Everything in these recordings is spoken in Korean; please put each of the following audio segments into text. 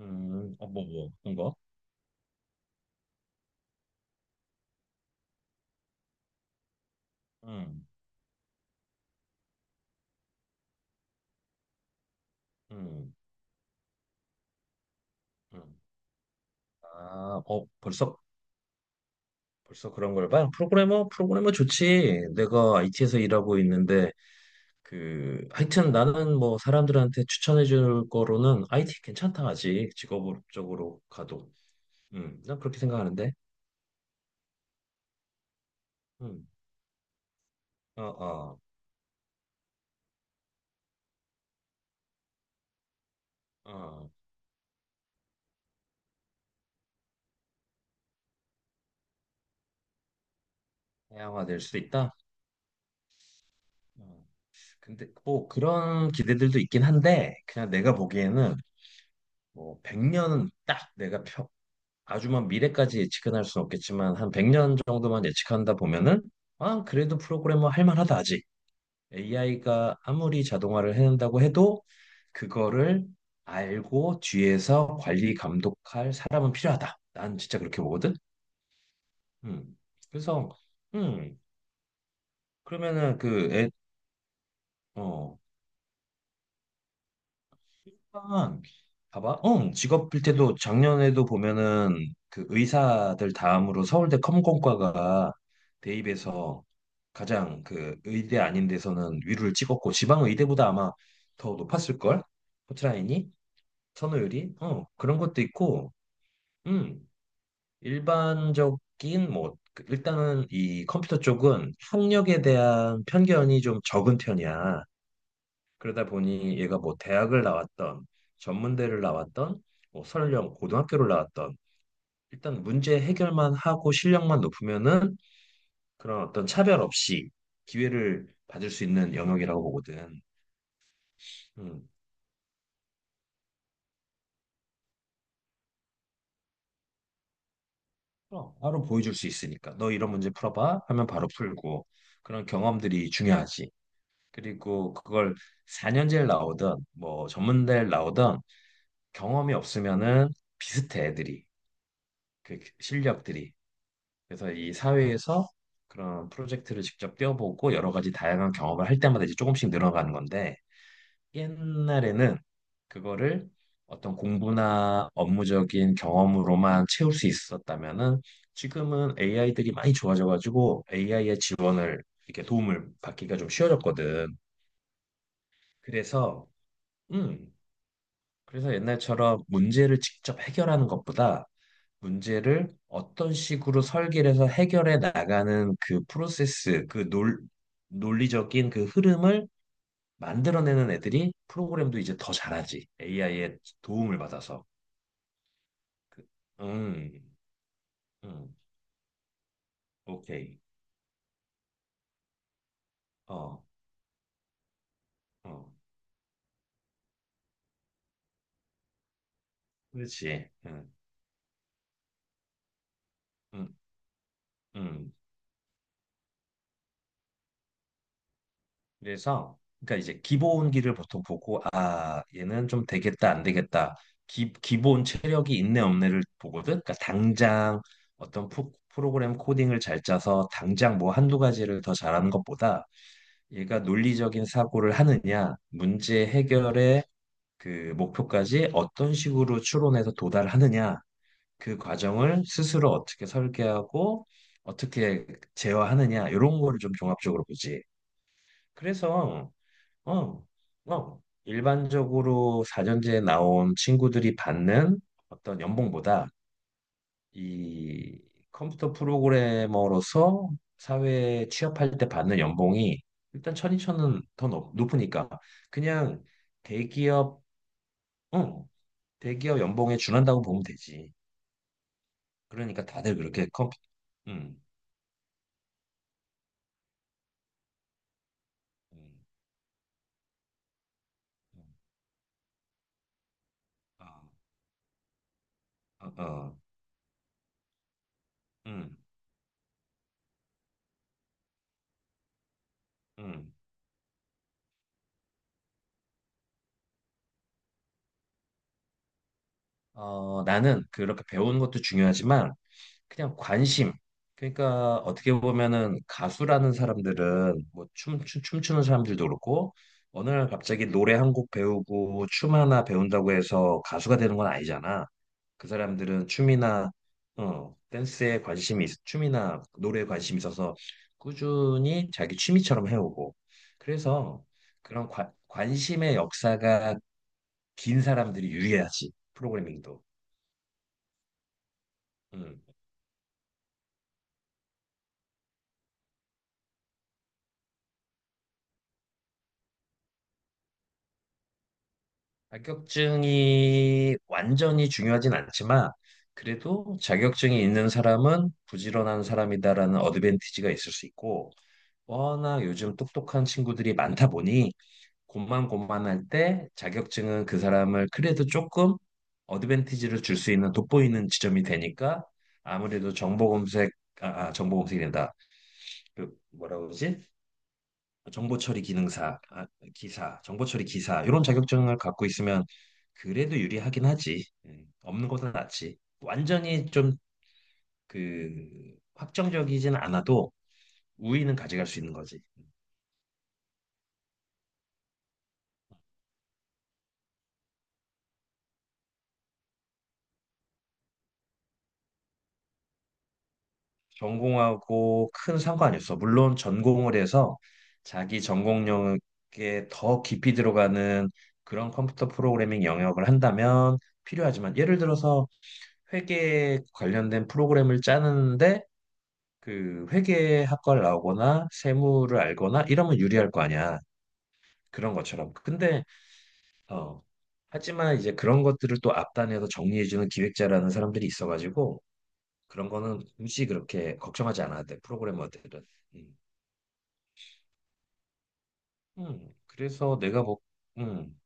뭐, 그런 거? 음, 음, 음. 아, 벌써 그런 걸 봐? 프로그래머, 프로그래머 좋지. 내가 IT에서 일하고 있는데, 하여튼 나는 뭐 사람들한테 추천해 줄 거로는 IT 괜찮다 하지. 직업적으로 가도. 난 그렇게 생각하는데. 음, 어, 어, 어, 다양화될 수도 있다. 어. 근데 뭐 그런 기대들도 있긴 한데, 그냥 내가 보기에는 뭐 100년은 딱 내가 아주 막 미래까지 예측은 할 수는 없겠지만 한 100년 정도만 예측한다 보면은 아 그래도 프로그래머 할 만하다 아직. AI가 아무리 자동화를 해낸다고 해도 그거를 알고 뒤에서 관리 감독할 사람은 필요하다. 난 진짜 그렇게 보거든. 음 그래서. 음 그러면은 그 애, 어 일단 봐봐. 응, 직업 필태도 작년에도 보면은 그 의사들 다음으로 서울대 컴공과가 대입해서 가장 그 의대 아닌 데서는 위로를 찍었고 지방 의대보다 아마 더 높았을 걸? 포트라인이 선호율이 그런 것도 있고. 음 일반적인 뭐그 일단은 이 컴퓨터 쪽은 학력에 대한 편견이 좀 적은 편이야. 그러다 보니 얘가 뭐 대학을 나왔던 전문대를 나왔던 뭐 설령 고등학교를 나왔던 일단 문제 해결만 하고 실력만 높으면은 그런 어떤 차별 없이 기회를 받을 수 있는 영역이라고 보거든. 음. 어, 바로 보여줄 수 있으니까 너 이런 문제 풀어봐 하면 바로 풀고 그런 경험들이 중요하지. 그리고 그걸 4년제 를 나오든 뭐 전문대를 나오든 경험이 없으면은 비슷해 애들이 그 실력들이. 그래서 이 사회에서 그런 프로젝트를 직접 뛰어보고 여러 가지 다양한 경험을 할 때마다 이제 조금씩 늘어가는 건데 옛날에는 그거를 어떤 공부나 업무적인 경험으로만 채울 수 있었다면은 지금은 AI들이 많이 좋아져가지고 AI의 지원을 이렇게 도움을 받기가 좀 쉬워졌거든. 그래서 음 그래서 옛날처럼 문제를 직접 해결하는 것보다 문제를 어떤 식으로 설계를 해서 해결해 나가는 그 프로세스, 그 논리적인 그 흐름을 만들어내는 애들이 프로그램도 이제 더 잘하지. AI의 도움을 받아서. 그- 음, 음, 오케이. 어, 어, 그렇지. 음, 음. 그래서 그러니까 이제 기본기를 보통 보고 아 얘는 좀 되겠다 안 되겠다 기본 체력이 있네 없네를 보거든. 그러니까 당장 어떤 프로그램 코딩을 잘 짜서 당장 뭐 한두 가지를 더 잘하는 것보다 얘가 논리적인 사고를 하느냐 문제 해결의 그 목표까지 어떤 식으로 추론해서 도달하느냐 그 과정을 스스로 어떻게 설계하고 어떻게 제어하느냐 이런 거를 좀 종합적으로 보지. 그래서 어, 어. 일반적으로 사전제에 나온 친구들이 받는 어떤 연봉보다 이 컴퓨터 프로그래머로서 사회에 취업할 때 받는 연봉이 일단 천이천은 더 높으니까 그냥 대기업, 응, 대기업 연봉에 준한다고 보면 되지. 그러니까 다들 그렇게 컴퓨터, 응, 응, 응, 어, 어, 어, 응, 응. 어, 나는 그렇게 배우는 것도 중요하지만 그냥 관심. 그러니까 어떻게 보면은 가수라는 사람들은 뭐 춤추는 사람들도 그렇고 어느 날 갑자기 노래 한 곡 배우고 춤 하나 배운다고 해서 가수가 되는 건 아니잖아. 그 사람들은 춤이나 춤이나 노래에 관심이 있어서 꾸준히 자기 취미처럼 해오고 그래서 그런 관심의 역사가 긴 사람들이 유리하지 프로그래밍도. 음. 자격증이 완전히 중요하진 않지만 그래도 자격증이 있는 사람은 부지런한 사람이다라는 어드밴티지가 있을 수 있고 워낙 요즘 똑똑한 친구들이 많다 보니 고만고만할 때 자격증은 그 사람을 그래도 조금 어드밴티지를 줄 수 있는 돋보이는 지점이 되니까 아무래도 정보 검색 아, 정보 검색이 된다. 그 뭐라고 그러지? 정보 처리 기능사, 아, 정보 처리 기사 이런 자격증을 갖고 있으면 그래도 유리하긴 하지. 예, 없는 것보다 낫지. 완전히 좀 그 확정적이진 않아도 우위는 가져갈 수 있는 거지. 전공하고 큰 상관이 없어. 물론 전공을 해서 자기 전공 영역에 더 깊이 들어가는 그런 컴퓨터 프로그래밍 영역을 한다면 필요하지만 예를 들어서 회계 관련된 프로그램을 짜는데 그 회계 학과를 나오거나 세무를 알거나 이러면 유리할 거 아니야. 그런 것처럼. 근데 어. 하지만 이제 그런 것들을 또 앞단에서 정리해주는 기획자라는 사람들이 있어가지고 그런 거는 굳이 그렇게 걱정하지 않아도 돼, 프로그래머들은. 음. 그래서 음,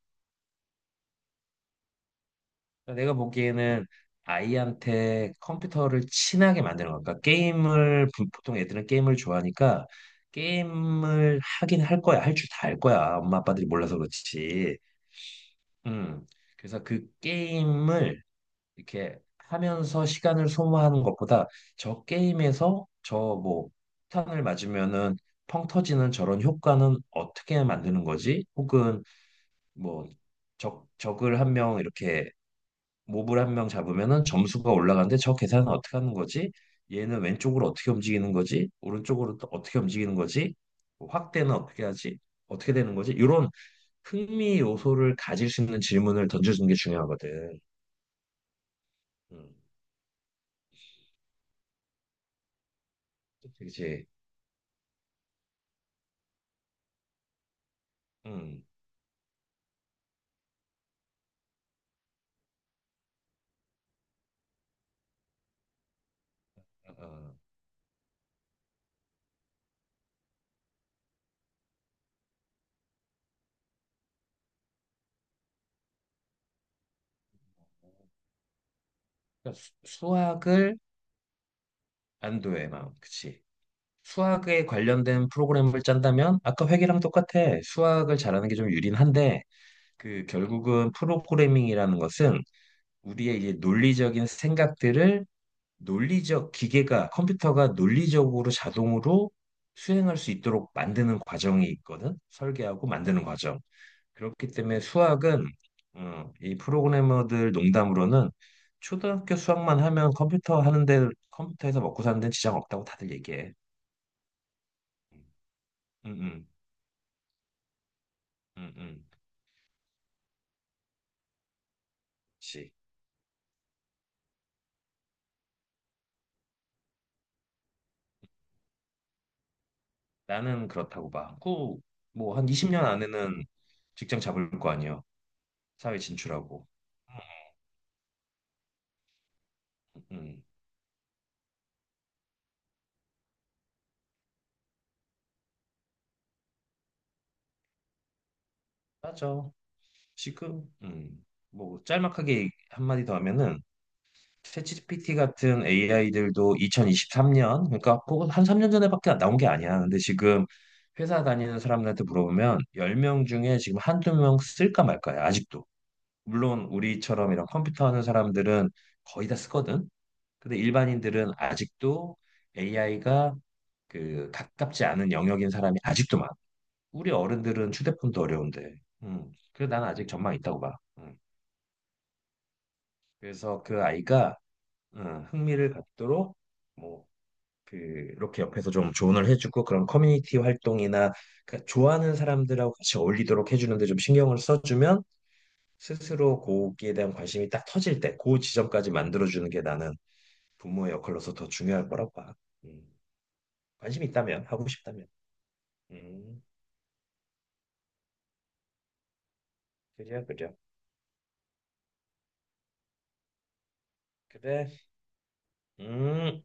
내가 보기에는 아이한테 컴퓨터를 친하게 만드는 거니까 게임을 보통 애들은 게임을 좋아하니까 게임을 하긴 할 거야, 할 줄 다 알 거야. 엄마 아빠들이 몰라서 그렇지. 음, 그래서 그 게임을 이렇게 하면서 시간을 소모하는 것보다 저 게임에서 저뭐 폭탄을 맞으면은 펑 터지는 저런 효과는 어떻게 만드는 거지? 혹은 뭐 적을 한 명 이렇게 몹을 한 명 잡으면은 점수가 올라가는데 저 계산은 어떻게 하는 거지? 얘는 왼쪽으로 어떻게 움직이는 거지? 오른쪽으로 또 어떻게 움직이는 거지? 뭐 확대는 어떻게 하지? 어떻게 되는 거지? 이런 흥미 요소를 가질 수 있는 질문을 던져주는 게 중요하거든. 음, 그치. 어, 그러니까 수- 수학을 안도의 마음, 그치? 수학에 관련된 프로그램을 짠다면 아까 회계랑 똑같아. 수학을 잘하는 게 좀 유린한데 그 결국은 프로그래밍이라는 것은 우리의 이제 논리적인 생각들을 논리적 기계가 컴퓨터가 논리적으로 자동으로 수행할 수 있도록 만드는 과정이 있거든. 설계하고 만드는 과정. 그렇기 때문에 수학은 어, 이 프로그래머들 농담으로는 초등학교 수학만 하면 컴퓨터 하는데 컴퓨터에서 먹고 사는 데 지장 없다고 다들 얘기해. 응응 응응. 그 나는 그렇다고 봐. 꼭뭐한 20년 안에는 직장 잡을 거 아니야. 사회 진출하고. 음, 음. 맞아. 지금, 뭐, 짤막하게 한마디 더 하면은, 챗GPT 같은 AI들도 2023년, 그러니까 그거 한 3년 전에밖에 안 나온 게 아니야. 근데 지금 회사 다니는 사람들한테 물어보면 10명 중에 지금 한두 명 쓸까 말까야, 아직도. 물론 우리처럼 이런 컴퓨터 하는 사람들은 거의 다 쓰거든. 근데 일반인들은 아직도 AI가 그 가깝지 않은 영역인 사람이 아직도 많아. 우리 어른들은 휴대폰도 어려운데. 음. 그래서 난 아직 전망 있다고 봐. 음. 그래서 그 아이가 흥미를 갖도록 뭐 그 이렇게 옆에서 좀 조언을 해주고 그런 커뮤니티 활동이나 그 좋아하는 사람들하고 같이 어울리도록 해주는데 좀 신경을 써주면 스스로 거기에 대한 관심이 딱 터질 때 그 지점까지 만들어주는 게 나는 부모의 역할로서 더 중요할 거라고 봐. 음. 관심 이 있다면 하고 싶다면. 음. 그래요, 그래요. 그래. 음.